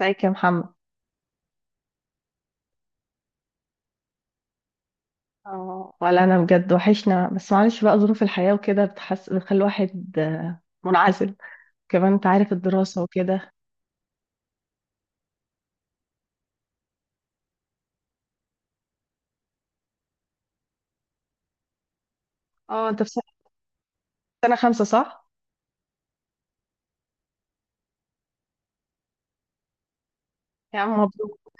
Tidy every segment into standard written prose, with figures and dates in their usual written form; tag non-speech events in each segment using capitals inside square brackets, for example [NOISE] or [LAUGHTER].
ازيك يا محمد؟ اه، ولا انا بجد وحشنا، بس معلش بقى ظروف الحياة وكده بتحس بتخلي الواحد منعزل. كمان انت عارف الدراسة وكده. اه، انت في سنة خمسة صح؟ يا عم مبروك.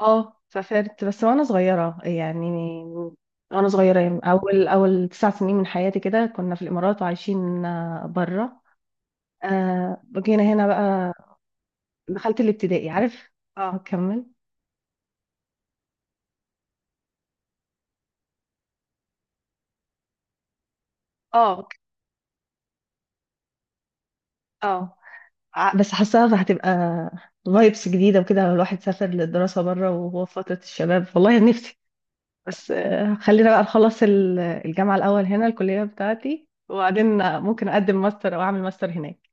اه سافرت بس وانا صغيرة يعني، اول 9 سنين من حياتي، كده كنا في الامارات وعايشين بره. جينا هنا بقى، دخلت الابتدائي، عارف. اه كمل. اه اه. بس حاساها هتبقى فايبس جديدة وكده، لو الواحد سافر للدراسة بره وهو في فترة الشباب. والله نفسي، بس خلينا بقى نخلص الجامعة الأول هنا، الكلية بتاعتي، وبعدين ممكن أقدم ماستر أو أعمل ماستر هناك.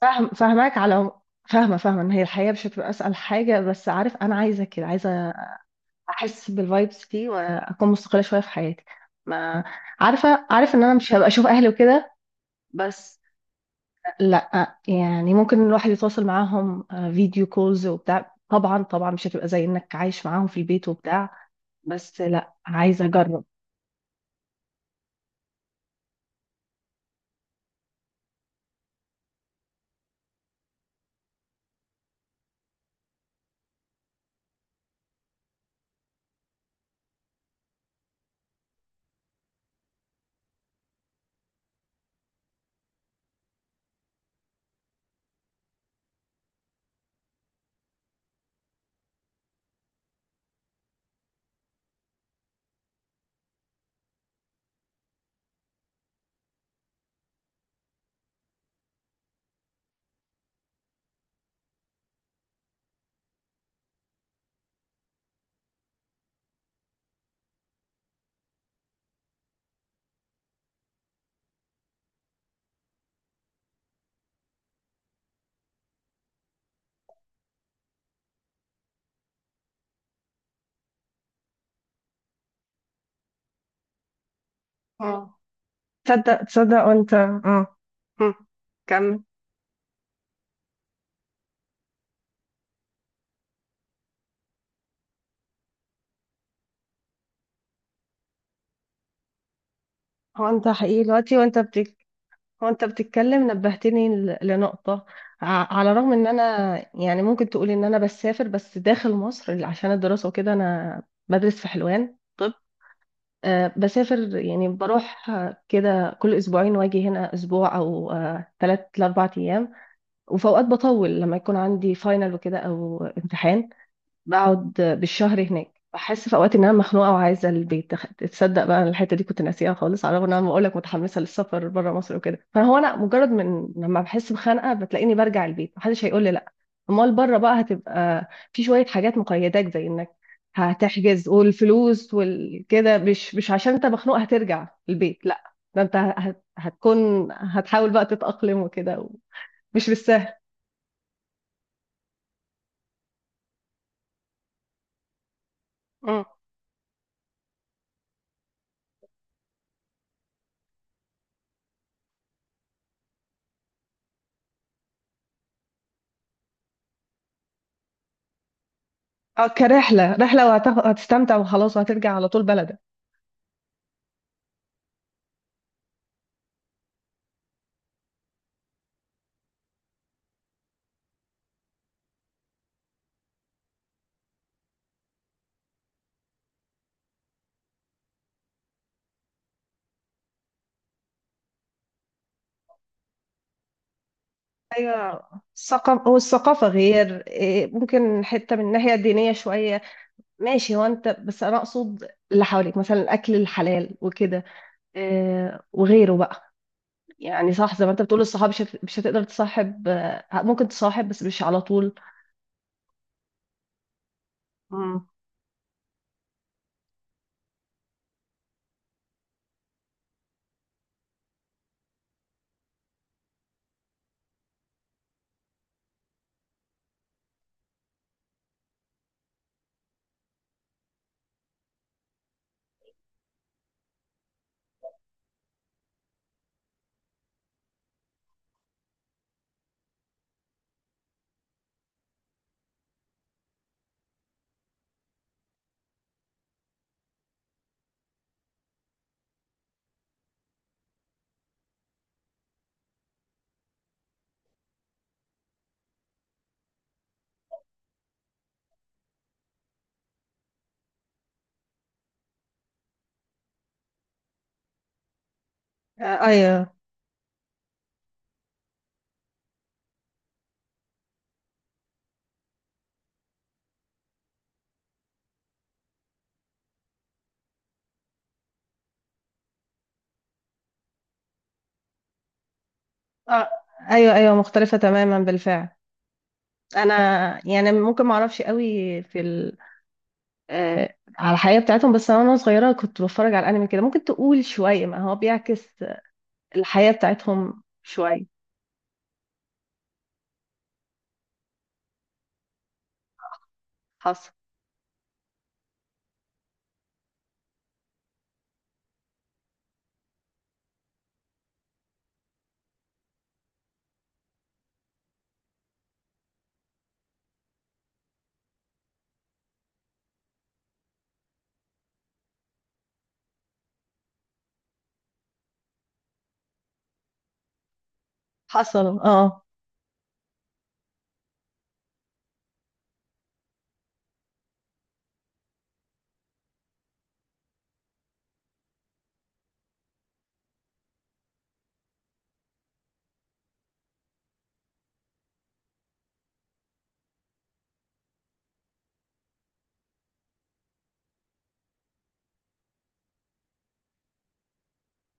فاهماك على العموم. فاهمة إن هي الحياة مش هتبقى أسهل حاجة، بس عارف أنا عايزة كده، عايزة أحس بالفايبس دي وأكون مستقلة شوية في حياتي. ما عارفة، عارف إن أنا مش هبقى أشوف أهلي وكده، بس لا، يعني ممكن الواحد يتواصل معاهم فيديو كولز وبتاع، طبعا طبعا مش هتبقى زي انك عايش معاهم في البيت وبتاع، بس لا عايزه اجرب. اه، تصدق وانت. اه هم. كمل. هو انت حقيقي دلوقتي وانت بتتكلم نبهتني لنقطة. على الرغم ان انا، يعني ممكن تقولي ان انا بسافر بس داخل مصر عشان الدراسة وكده. انا بدرس في حلوان طب، بسافر يعني بروح كده كل أسبوعين وأجي هنا أسبوع أو 3 ل4 أيام. وفي أوقات بطول لما يكون عندي فاينل وكده أو امتحان، بقعد بالشهر هناك. بحس في اوقات ان انا مخنوقه وعايزه البيت. تصدق بقى، أنا الحته دي كنت ناسيها خالص، على الرغم ان انا بقول لك متحمسه للسفر بره مصر وكده، فهو انا مجرد من لما بحس بخنقه بتلاقيني برجع البيت، محدش هيقول لي لا. امال بره بقى هتبقى في شويه حاجات مقيداك، زي انك هتحجز والفلوس والكده، مش عشان انت مخنوق هترجع البيت، لا ده انت هتحاول بقى تتأقلم وكده، مش بالسهل. مم. اه، رحله، وهتستمتع وخلاص وهترجع على طول بلدك. ايوه الثقافه غير ممكن حته من الناحيه الدينيه شويه. ماشي، هو انت، بس انا اقصد اللي حواليك، مثلا الاكل الحلال وكده وغيره بقى. يعني صح، زي ما انت بتقول الصحاب مش هتقدر تصاحب، ممكن تصاحب بس مش على طول. مم. ايوه. آه، ايوه ايوه، مختلفه تماما بالفعل. انا يعني ممكن ما اعرفش قوي في ال... على الحياه بتاعتهم، بس انا وانا صغيره كنت بتفرج على الانمي كده، ممكن تقول شويه ما هو بيعكس الحياة بتاعتهم شوية. حصل حصلوا اه.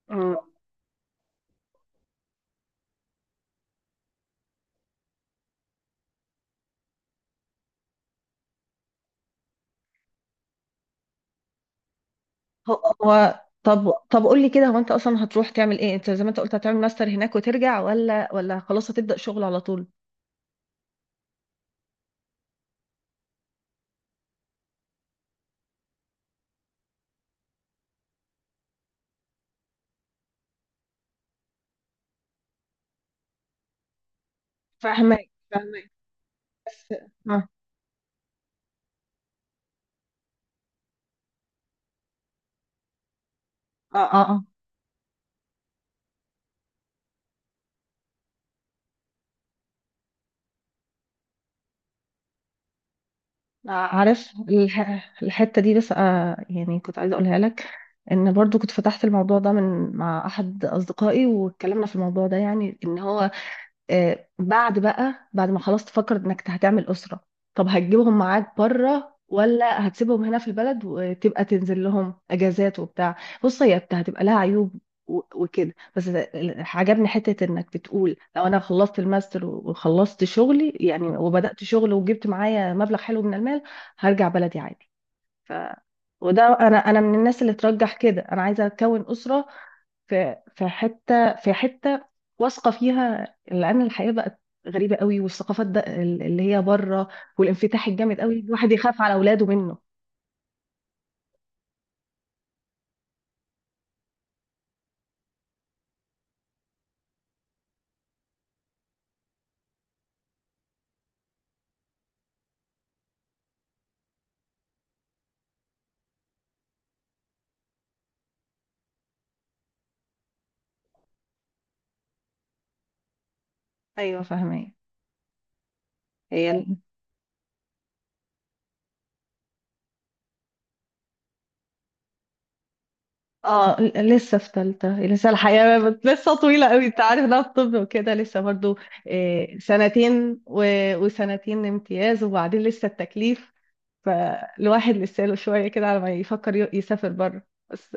مم. هو هو، طب طب قول لي كده، هو انت اصلا هتروح تعمل ايه؟ انت زي ما انت قلت هتعمل ماستر هناك وترجع، ولا خلاص هتبدأ شغل على طول؟ فاهمة بس. اه اه اه عارف الحتة دي، بس يعني كنت عايزة اقولها لك، ان برضو كنت فتحت الموضوع ده من مع احد اصدقائي واتكلمنا في الموضوع ده، يعني ان هو بعد بقى، بعد ما خلاص تفكر انك هتعمل اسره، طب هتجيبهم معاك بره ولا هتسيبهم هنا في البلد وتبقى تنزل لهم اجازات وبتاع؟ بص هي هتبقى لها عيوب وكده، بس عجبني حته انك بتقول لو انا خلصت الماستر وخلصت شغلي يعني وبدات شغل وجبت معايا مبلغ حلو من المال هرجع بلدي عادي. ف وده انا من الناس اللي ترجح كده، انا عايزه اكون اسره في حته، في حته واثقه فيها، لان الحياه بقت غريبه قوي، والثقافات ده اللي هي بره، والانفتاح الجامد قوي الواحد يخاف على اولاده منه. ايوه فاهمه. هي اه لسه في ثالثه، لسه الحياه لسه طويله قوي، انت عارف ده الطب وكده لسه برضو، سنتين وسنتين امتياز وبعدين لسه التكليف، فالواحد لسه له شويه كده على ما يفكر يسافر بره. بس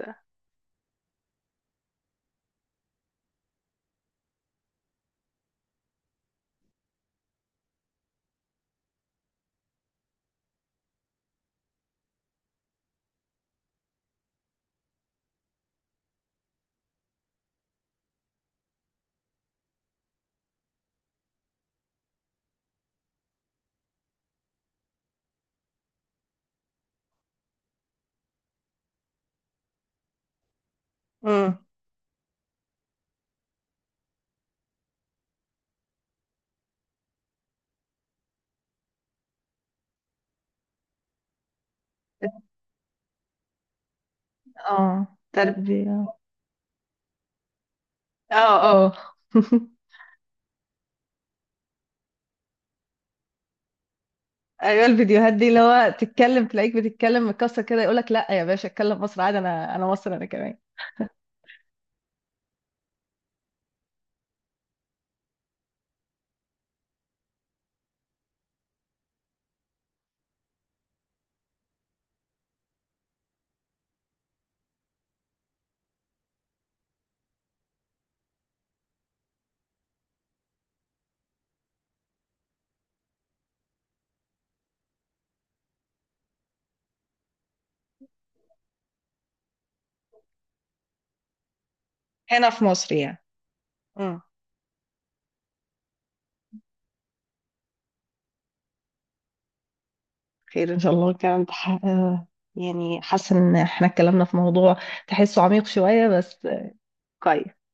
امم اه دي. اه اه. [LAUGHS] ايوه الفيديوهات دي، اللي هو تتكلم تلاقيك بتتكلم مكسر كده، يقولك لا يا باشا اتكلم مصر عادي، انا مصر انا كمان. هنا في مصر يعني. امم خير ان شاء الله. الكلام ده يعني حاسه ان احنا اتكلمنا في موضوع تحسه عميق شويه، بس كويس.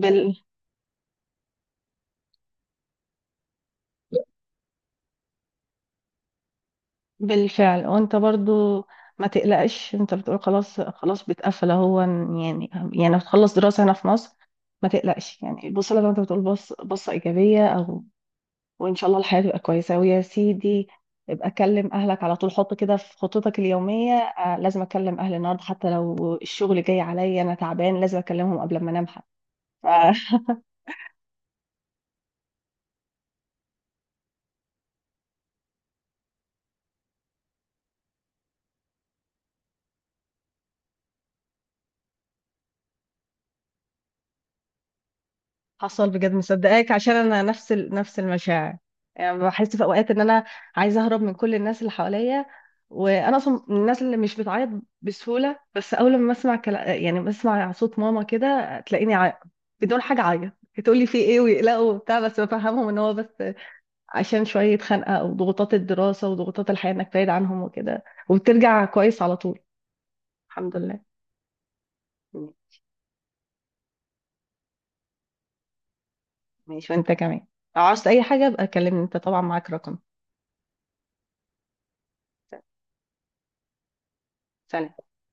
بال... بالفعل. وانت برضو ما تقلقش، انت بتقول خلاص خلاص بتقفل اهو، يعني هتخلص دراسه هنا في مصر. ما تقلقش يعني، بص لما انت بتقول بص بصه ايجابيه، وان شاء الله الحياه تبقى كويسه، ويا سيدي ابقى كلم اهلك على طول، حط كده في خطتك اليوميه، لازم اكلم اهلي النهارده حتى لو الشغل جاي عليا انا تعبان، لازم اكلمهم قبل ما انام حتى. فحصل. [LAUGHS] بجد مصدقاك، عشان انا نفس المشاعر. يعني بحس في اوقات ان انا عايزه اهرب من كل الناس اللي حواليا، وانا اصلا من الناس اللي مش بتعيط بسهوله، بس اول ما اسمع يعني بسمع صوت ماما كده تلاقيني بدون حاجه اعيط. تقول لي في ايه ويقلقوا وبتاع، بس بفهمهم ان هو بس عشان شوية خنقة أو ضغوطات الدراسة وضغوطات الحياة إنك بعيد عنهم وكده، وبترجع كويس على طول. الحمد لله. ماشي وأنت كمان، لو عاوزت أي حاجة ابقى كلمني، أنت طبعا معاك رقم. سلام.